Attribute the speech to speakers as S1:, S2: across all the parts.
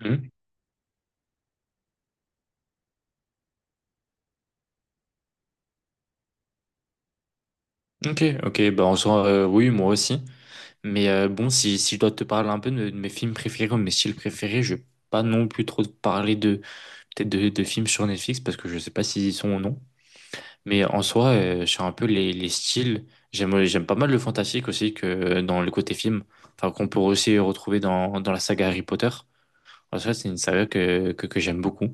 S1: Hmm. Ok, ok, bah en soi, oui, moi aussi. Mais bon, si je dois te parler un peu de mes films préférés ou mes styles préférés, je vais pas non plus trop te parler de peut-être de films sur Netflix parce que je sais pas s'ils y sont ou non. Mais en soi, sur un peu les styles, j'aime pas mal le fantastique aussi que dans le côté film, enfin qu'on peut aussi retrouver dans la saga Harry Potter. En soi, c'est une saga que j'aime beaucoup.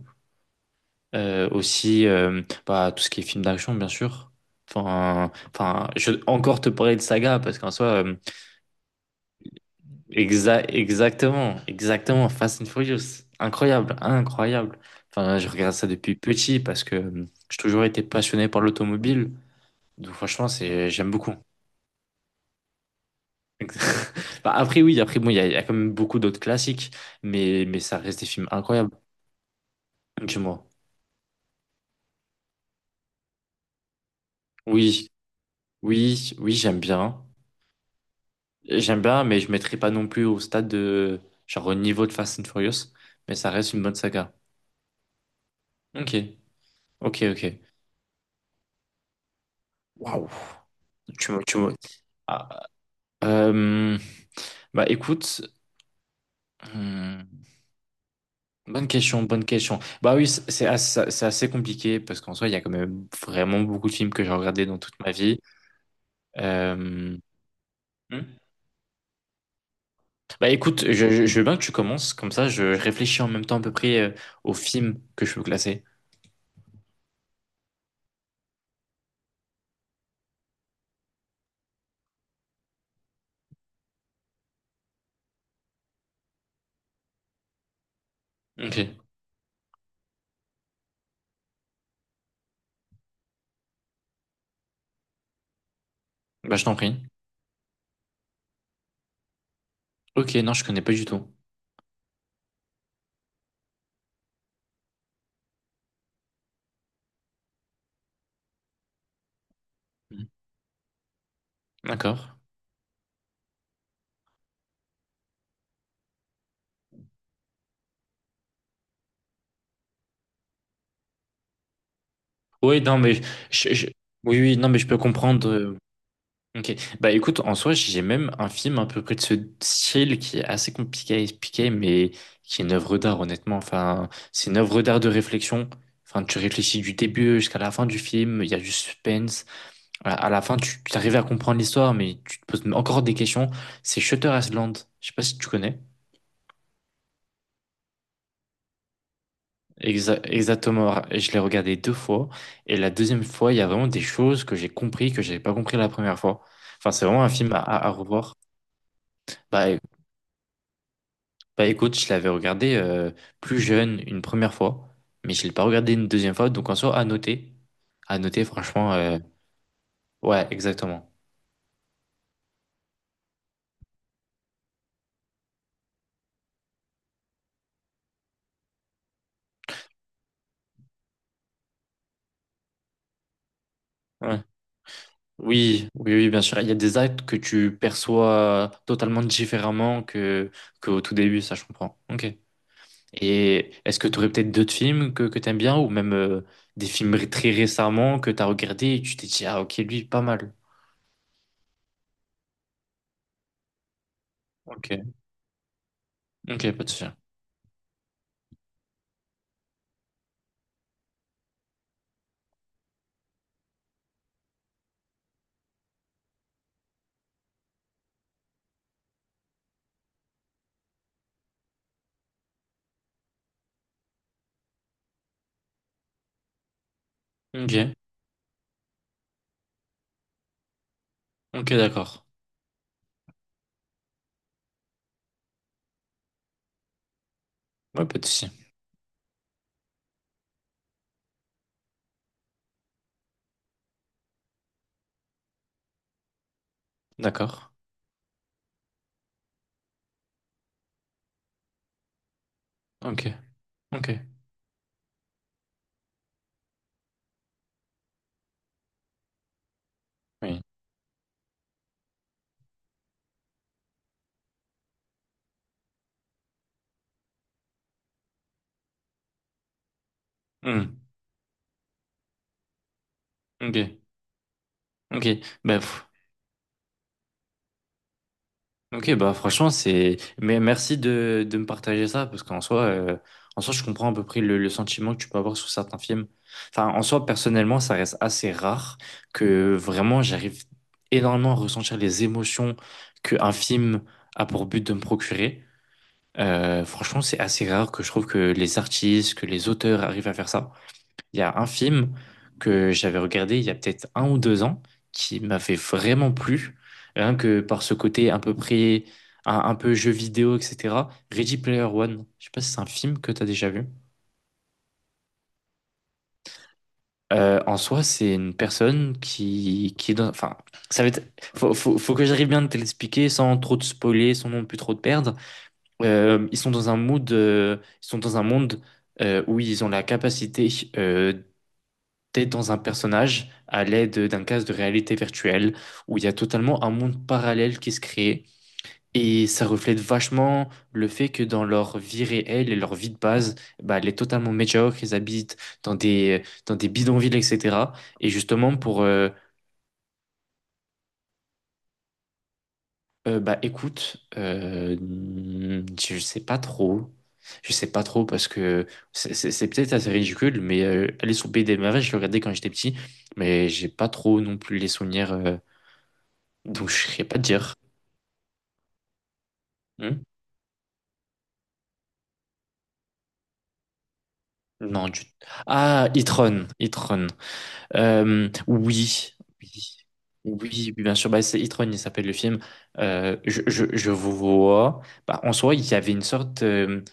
S1: Aussi, bah, tout ce qui est film d'action, bien sûr. Enfin, je vais encore te parler de saga parce qu'en soi, exactement, Fast and Furious, incroyable, incroyable. Enfin, je regarde ça depuis petit parce que j'ai toujours été passionné par l'automobile. Donc, franchement, c'est, j'aime beaucoup. Bah, après, oui, après, bon, il y a quand même beaucoup d'autres classiques, mais ça reste des films incroyables. Dis-moi. Oui, oui, oui, j'aime bien. J'aime bien, mais je mettrai pas non plus au stade de, genre au niveau de Fast and Furious, mais ça reste une bonne saga. Ok, ok, ok. Waouh, tu me, tu me- Ah, euh, bah écoute, hmm, bonne question, bonne question. Bah oui, c'est assez compliqué parce qu'en soi, il y a quand même vraiment beaucoup de films que j'ai regardés dans toute ma vie. Euh, hmm. Bah écoute, je veux bien que tu commences, comme ça, je réfléchis en même temps à peu près aux films que je peux classer. Ok, bah je t'en prie. Ok, non, je connais pas du tout. D'accord. Oui, non, mais je, je- oui, oui, non, mais je peux comprendre. Ok. Bah écoute, en soi, j'ai même un film à peu près de ce style qui est assez compliqué à expliquer, mais qui est une œuvre d'art, honnêtement. Enfin, c'est une œuvre d'art de réflexion. Enfin, tu réfléchis du début jusqu'à la fin du film, il y a du suspense. À la fin, tu arrives à comprendre l'histoire, mais tu te poses encore des questions. C'est Shutter Island. Je sais pas si tu connais. Exactement, je l'ai regardé deux fois et la deuxième fois, il y a vraiment des choses que j'ai compris que j'avais pas compris la première fois. Enfin, c'est vraiment un film à revoir. Bah, é- bah écoute, je l'avais regardé plus jeune une première fois, mais je l'ai pas regardé une deuxième fois, donc en soi, à noter. À noter, franchement, ouais, exactement. Ouais. Oui, oui, oui, bien sûr. Il y a des actes que tu perçois totalement différemment que au tout début, ça je comprends. Ok. Et est-ce que tu aurais peut-être d'autres films que tu aimes bien ou même des films très récemment que tu as regardé et tu t'es dit, ah ok, lui, pas mal. Ok, ok, pas de souci. Ok, ok, d'accord. Ouais, pas de souci. D'accord. Ok, ok. Oui. Hmm. Ok, ok. Bref. Ok, bah franchement, c'est. Mais merci de me partager ça, parce qu'en soi, en soi, je comprends à peu près le sentiment que tu peux avoir sur certains films. Enfin, en soi, personnellement, ça reste assez rare que vraiment j'arrive énormément à ressentir les émotions qu'un film a pour but de me procurer. Franchement, c'est assez rare que je trouve que les artistes, que les auteurs arrivent à faire ça. Il y a un film que j'avais regardé il y a peut-être un ou deux ans qui m'avait vraiment plu, rien que par ce côté à peu près un peu jeu vidéo, etc. Ready Player One, je sais pas si c'est un film que tu as déjà vu. En soi, c'est une personne qui est dans... Enfin, ça va être... Faut que j'arrive bien de te l'expliquer sans trop te spoiler, sans non plus trop te perdre. Euh, ils sont dans un mood... euh, ils sont dans un monde où ils ont la capacité euh, t'es dans un personnage à l'aide d'un casque de réalité virtuelle où il y a totalement un monde parallèle qui se crée et ça reflète vachement le fait que dans leur vie réelle et leur vie de base, bah, elle est totalement médiocre, ils habitent dans des bidonvilles, etc. Et justement pour, bah écoute, je sais pas trop, je sais pas trop parce que c'est peut-être assez ridicule, mais aller sur BD, je le regardais quand j'étais petit, mais j'ai pas trop non plus les souvenirs. Donc, je ne sais pas dire. Hmm. Non, du... Ah, Itron. Itron. Oui. Oui. Oui, oui, bien sûr. Bah, c'est Itron, il s'appelle le film. Je vous vois. Bah, en soi, il y avait une sorte.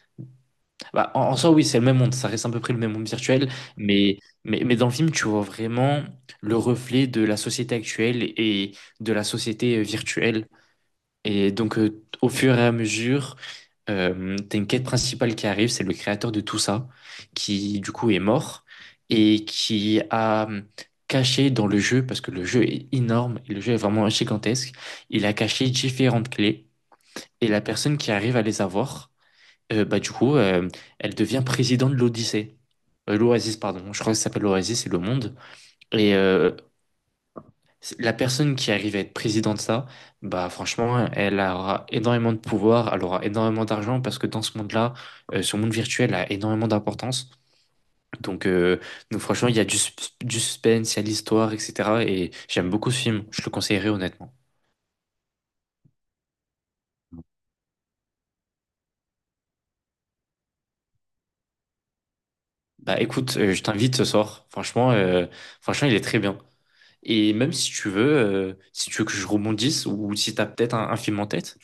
S1: Bah, en soi, oui, c'est le même monde. Ça reste à peu près le même monde virtuel. Mais, mais, dans le film, tu vois vraiment le reflet de la société actuelle et de la société virtuelle. Et donc, au fur et à mesure. T'as une quête principale qui arrive, c'est le créateur de tout ça, qui du coup est mort et qui a caché dans le jeu, parce que le jeu est énorme et le jeu est vraiment gigantesque, il a caché différentes clés et la personne qui arrive à les avoir, bah du coup, elle devient présidente de l'Odyssée. L'Oasis, pardon. Je crois que ça s'appelle l'Oasis, c'est le monde. Et la personne qui arrive à être présidente de ça, bah franchement, elle aura énormément de pouvoir, elle aura énormément d'argent parce que dans ce monde-là, ce monde virtuel a énormément d'importance. Donc, euh, donc, franchement, il y a du suspense, il y a de l'histoire, etc. Et j'aime beaucoup ce film, je le conseillerais honnêtement. Bah écoute, je t'invite ce soir. Franchement, il est très bien. Et même si tu veux, que je rebondisse ou si t'as peut-être un film en tête,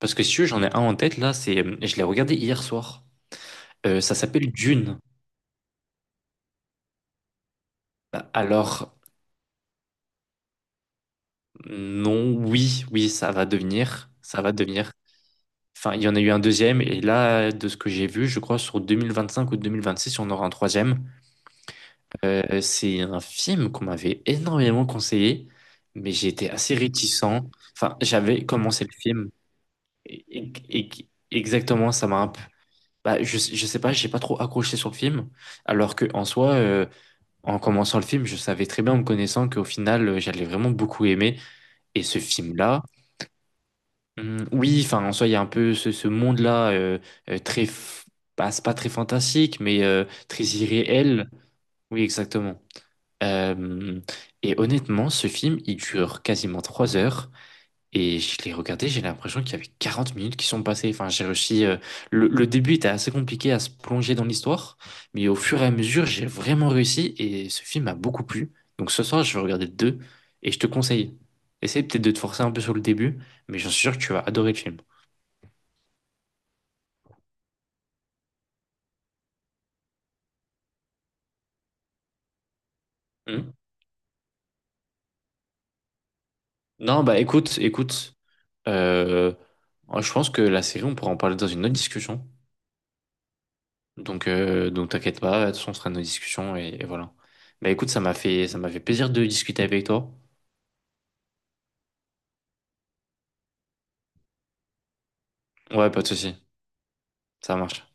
S1: parce que si tu veux, j'en ai un en tête là, c'est, je l'ai regardé hier soir. Ça s'appelle Dune. Bah, alors, non, oui, oui, ça va devenir, ça va devenir. Enfin, il y en a eu un deuxième, et là, de ce que j'ai vu, je crois sur 2025 ou 2026, on aura un troisième. C'est un film qu'on m'avait énormément conseillé, mais j'étais assez réticent. Enfin, j'avais commencé le film, et, et- exactement, ça m'a un peu... Bah, je sais pas, j'ai pas trop accroché sur le film, alors que en soi, en commençant le film, je savais très bien en me connaissant qu'au final, j'allais vraiment beaucoup aimer. Et ce film-là, oui, enfin, en soi, il y a un peu ce monde-là euh, très, f- bah, c'est pas très fantastique, mais très irréel. Oui, exactement. Euh, et honnêtement, ce film, il dure quasiment 3 heures. Et je l'ai regardé, j'ai l'impression qu'il y avait 40 minutes qui sont passées. Enfin, j'ai réussi. Le début était assez compliqué à se plonger dans l'histoire, mais au fur et à mesure, j'ai vraiment réussi et ce film m'a beaucoup plu. Donc ce soir, je vais regarder le deux et je te conseille. Essaye peut-être de te forcer un peu sur le début, mais j'en suis sûr que tu vas adorer le film. Hmm. Non, bah écoute, euh, moi, je pense que la série, on pourra en parler dans une autre discussion. Donc, t'inquiète pas, de toute façon, on sera dans nos discussions et voilà. Bah écoute, ça m'a fait plaisir de discuter avec toi. Ouais, pas de souci, ça marche.